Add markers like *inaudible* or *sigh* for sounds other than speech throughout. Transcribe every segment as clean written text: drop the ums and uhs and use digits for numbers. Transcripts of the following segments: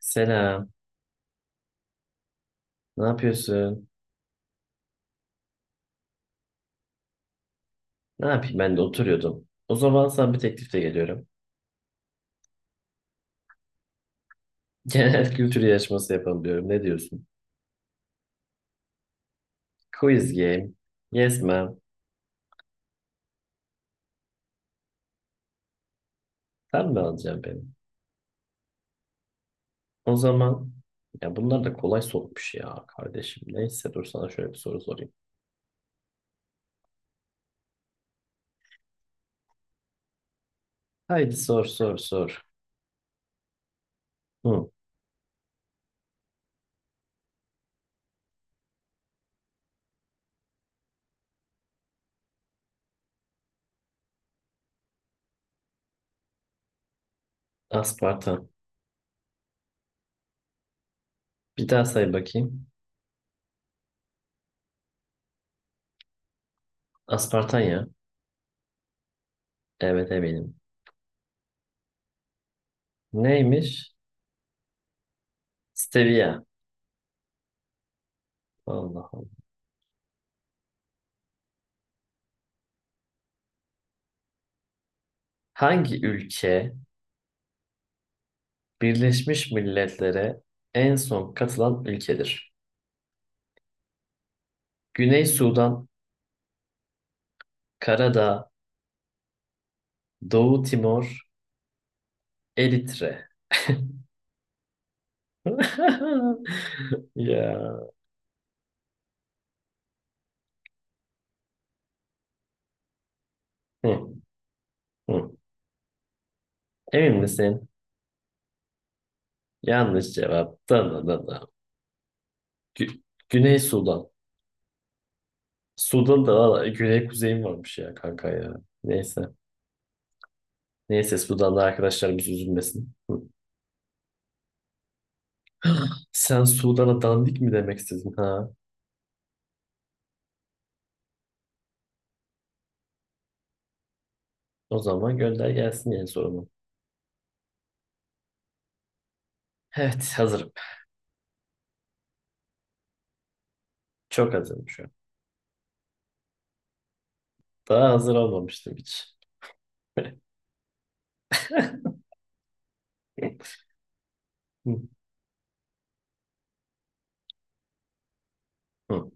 Selam. Ne yapıyorsun? Ne yapayım, ben de oturuyordum. O zaman sana bir teklifte geliyorum. *laughs* Genel kültür yarışması yapalım diyorum. Ne diyorsun? Quiz game. Yes ma'am. Sen mi alacaksın beni? O zaman ya bunlar da kolay sormuş ya kardeşim. Neyse, dur sana şöyle bir soru sorayım. Haydi sor sor sor. Hı, aspartam. Bir daha say bakayım. Aspartan ya. Evet, eminim. Neymiş? Stevia. Allah Allah. Hangi ülke Birleşmiş Milletler'e en son katılan ülkedir? Güney Sudan, Karadağ, Doğu Timor, Eritre. *laughs* Ya. Hı, hı. Emin misin? Yanlış cevap. Da, da, da, da. Gü- Güney Sudan. Sudan'da valla güney kuzeyim varmış ya kanka ya. Neyse. Neyse, Sudan'da arkadaşlarımız üzülmesin. Hı. *gasps* Sen Sudan'a dandik mi demek istedin ha? O zaman gönder gelsin yeni sorumu. Evet, hazırım. Çok hazırım şu an. Daha hazır olmamıştım hiç. *laughs* Hı, hı.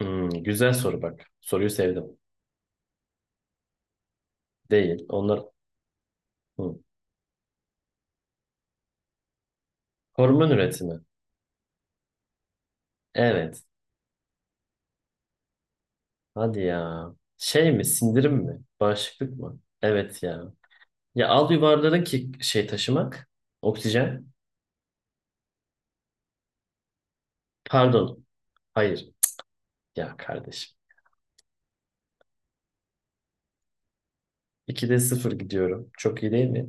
Hmm, güzel soru bak. Soruyu sevdim. Değil. Onlar. Hı. Hormon üretimi. Evet. Hadi ya. Şey mi? Sindirim mi? Bağışıklık mı? Evet ya. Ya al yuvarların ki şey taşımak. Oksijen. Pardon. Hayır. Ya kardeşim. 2'de sıfır gidiyorum. Çok iyi değil mi?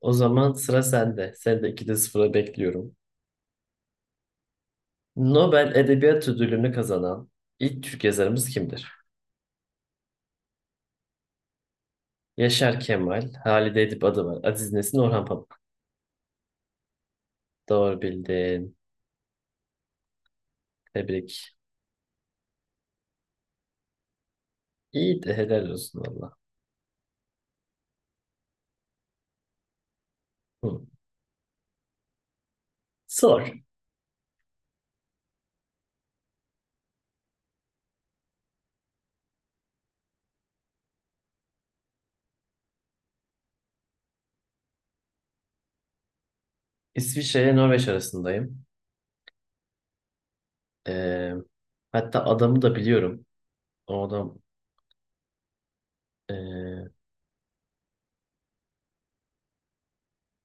O zaman sıra sende. Sen de 2'de 0'a bekliyorum. Nobel Edebiyat Ödülünü kazanan ilk Türk yazarımız kimdir? Yaşar Kemal, Halide Edip adı var. Aziz Nesin, Orhan Pamuk. Doğru bildin. Tebrik. İyi de helal olsun valla. Hı. Sor. İsviçre ile Norveç arasındayım. Ee, Hatta adamı da biliyorum. O adam ee,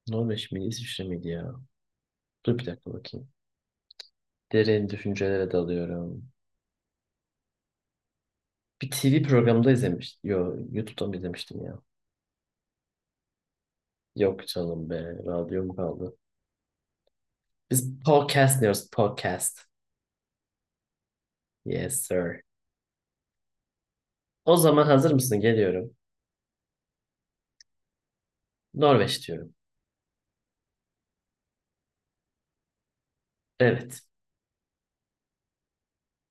Norveç miydi, İsviçre miydi ya? Dur bir dakika bakayım. Derin düşüncelere dalıyorum. Bir TV programında izlemiştim. Yo, YouTube'dan mı izlemiştim ya? Yok canım be, radyom kaldı. Biz podcast diyoruz, podcast. Yes sir. O zaman hazır mısın? Geliyorum. Norveç diyorum. Evet.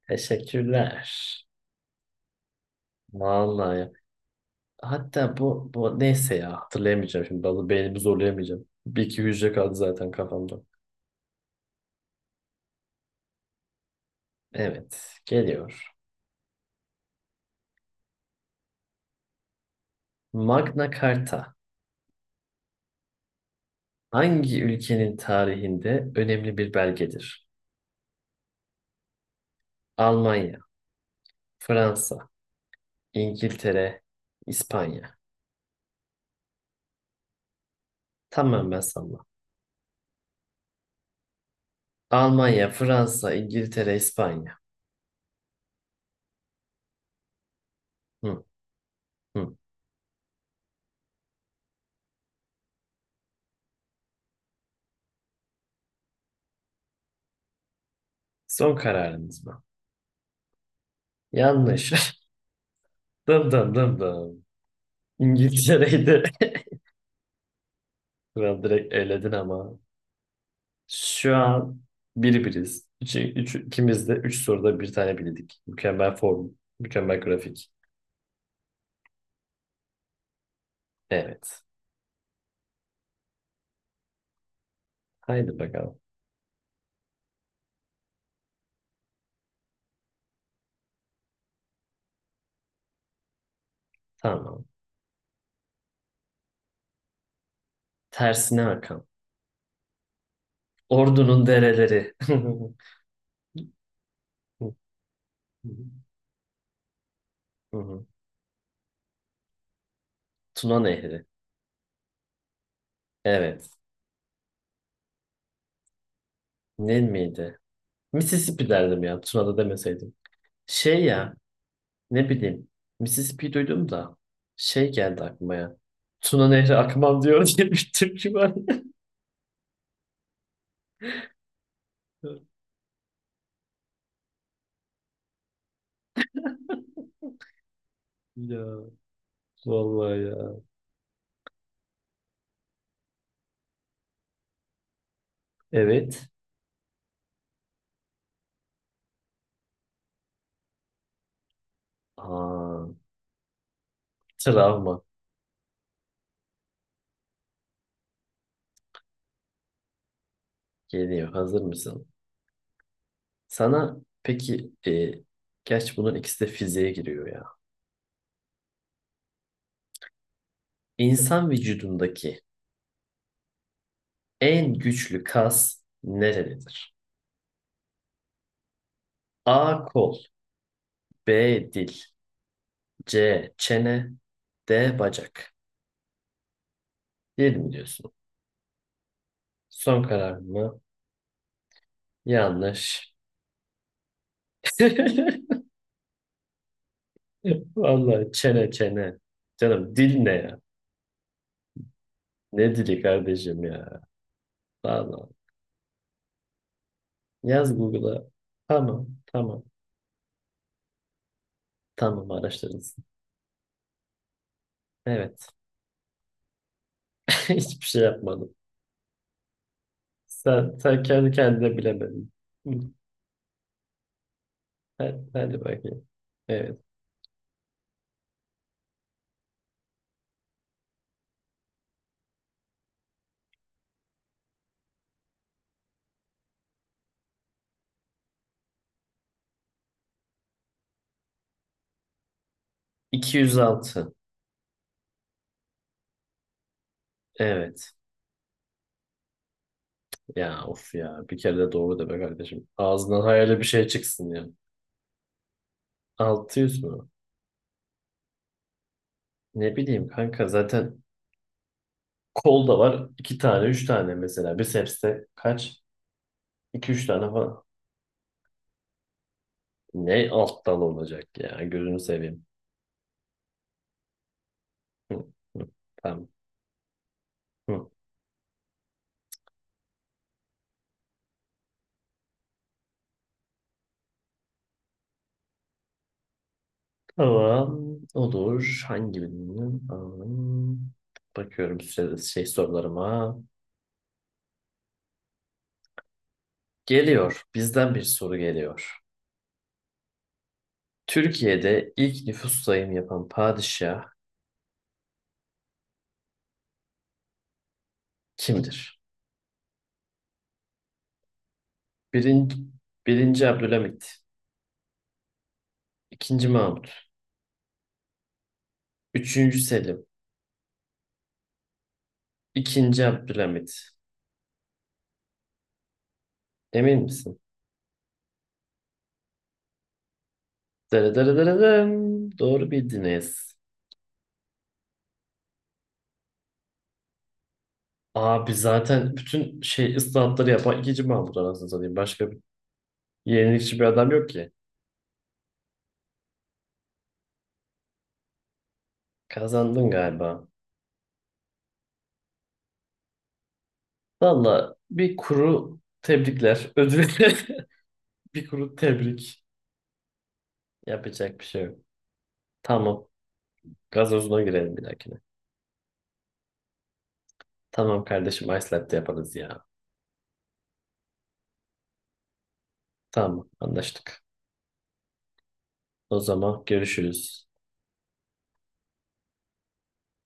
Teşekkürler. Vallahi. Hatta bu neyse ya, hatırlayamayacağım şimdi. Bazı beynimi zorlayamayacağım. Bir iki hücre kaldı zaten kafamda. Evet. Geliyor. Magna Carta hangi ülkenin tarihinde önemli bir belgedir? Almanya, Fransa, İngiltere, İspanya. Tamam, ben salla. Almanya, Fransa, İngiltere, İspanya. Hı, hı. Son kararınız mı? Yanlış. *laughs* Dım dım dım dım. İngiltere'ydi. *laughs* Kral, direkt eledin ama. Şu an bir biriz. Üç, üç, ikimiz de üç soruda bir tane bildik. Mükemmel form, mükemmel grafik. Evet. Haydi bakalım. Tamam. Tersine akan. Ordunun dereleri. *laughs* Tuna Nehri. Evet. Ne miydi? Mississippi derdim ya. Tuna'da demeseydim. Şey ya. Ne bileyim. Mississippi duydum da şey geldi aklıma ya. Tuna Nehri akmam diyor *laughs* diye bir türkü var. *laughs* Ya vallahi ya. Evet. Aa, travma geliyor. Hazır mısın? Sana peki gerçi bunun ikisi de fiziğe giriyor ya. İnsan vücudundaki en güçlü kas nerededir? A kol, B dil, C çene, D bacak. Değil mi diyorsun? Son karar mı? Yanlış. *laughs* Vallahi çene çene. Canım dil ne ya? Ne dili kardeşim ya? Vallahi. Yaz Google'a. Tamam, tamam, tamam araştırırız. Evet. *laughs* Hiçbir şey yapmadım. Sen kendi kendine bilemedin. Hı. Hadi, hadi bakayım. Evet. 206. Evet. Ya of ya. Bir kere de doğru de be kardeşim. Ağzından hayali bir şey çıksın ya. 600 mü? Ne bileyim kanka, zaten kolda var iki tane, üç tane mesela. Biceps'te kaç? İki üç tane falan. Ne alt dal olacak ya? Gözünü seveyim. Hı, hı, tamam. Hı. Tamam. Olur. Hangi birinin? Tamam. Bakıyorum size şey sorularıma. Geliyor. Bizden bir soru geliyor. Türkiye'de ilk nüfus sayımı yapan padişah kimdir? Birinci, Birinci Abdülhamit. İkinci Mahmut. Üçüncü Selim. İkinci Abdülhamit. Emin misin? Dırıdırıdırım. Doğru bildiniz. Abi zaten bütün şey ıslahatları yapan ikinci Mahmut anasını satayım. Başka bir yenilikçi bir adam yok ki. Kazandın galiba. Valla bir kuru tebrikler. Ödül. *laughs* Bir kuru tebrik. Yapacak bir şey yok. Tamam. Gazozuna girelim bir dahakine. Tamam kardeşim, ice latte yaparız ya. Tamam, anlaştık. O zaman görüşürüz.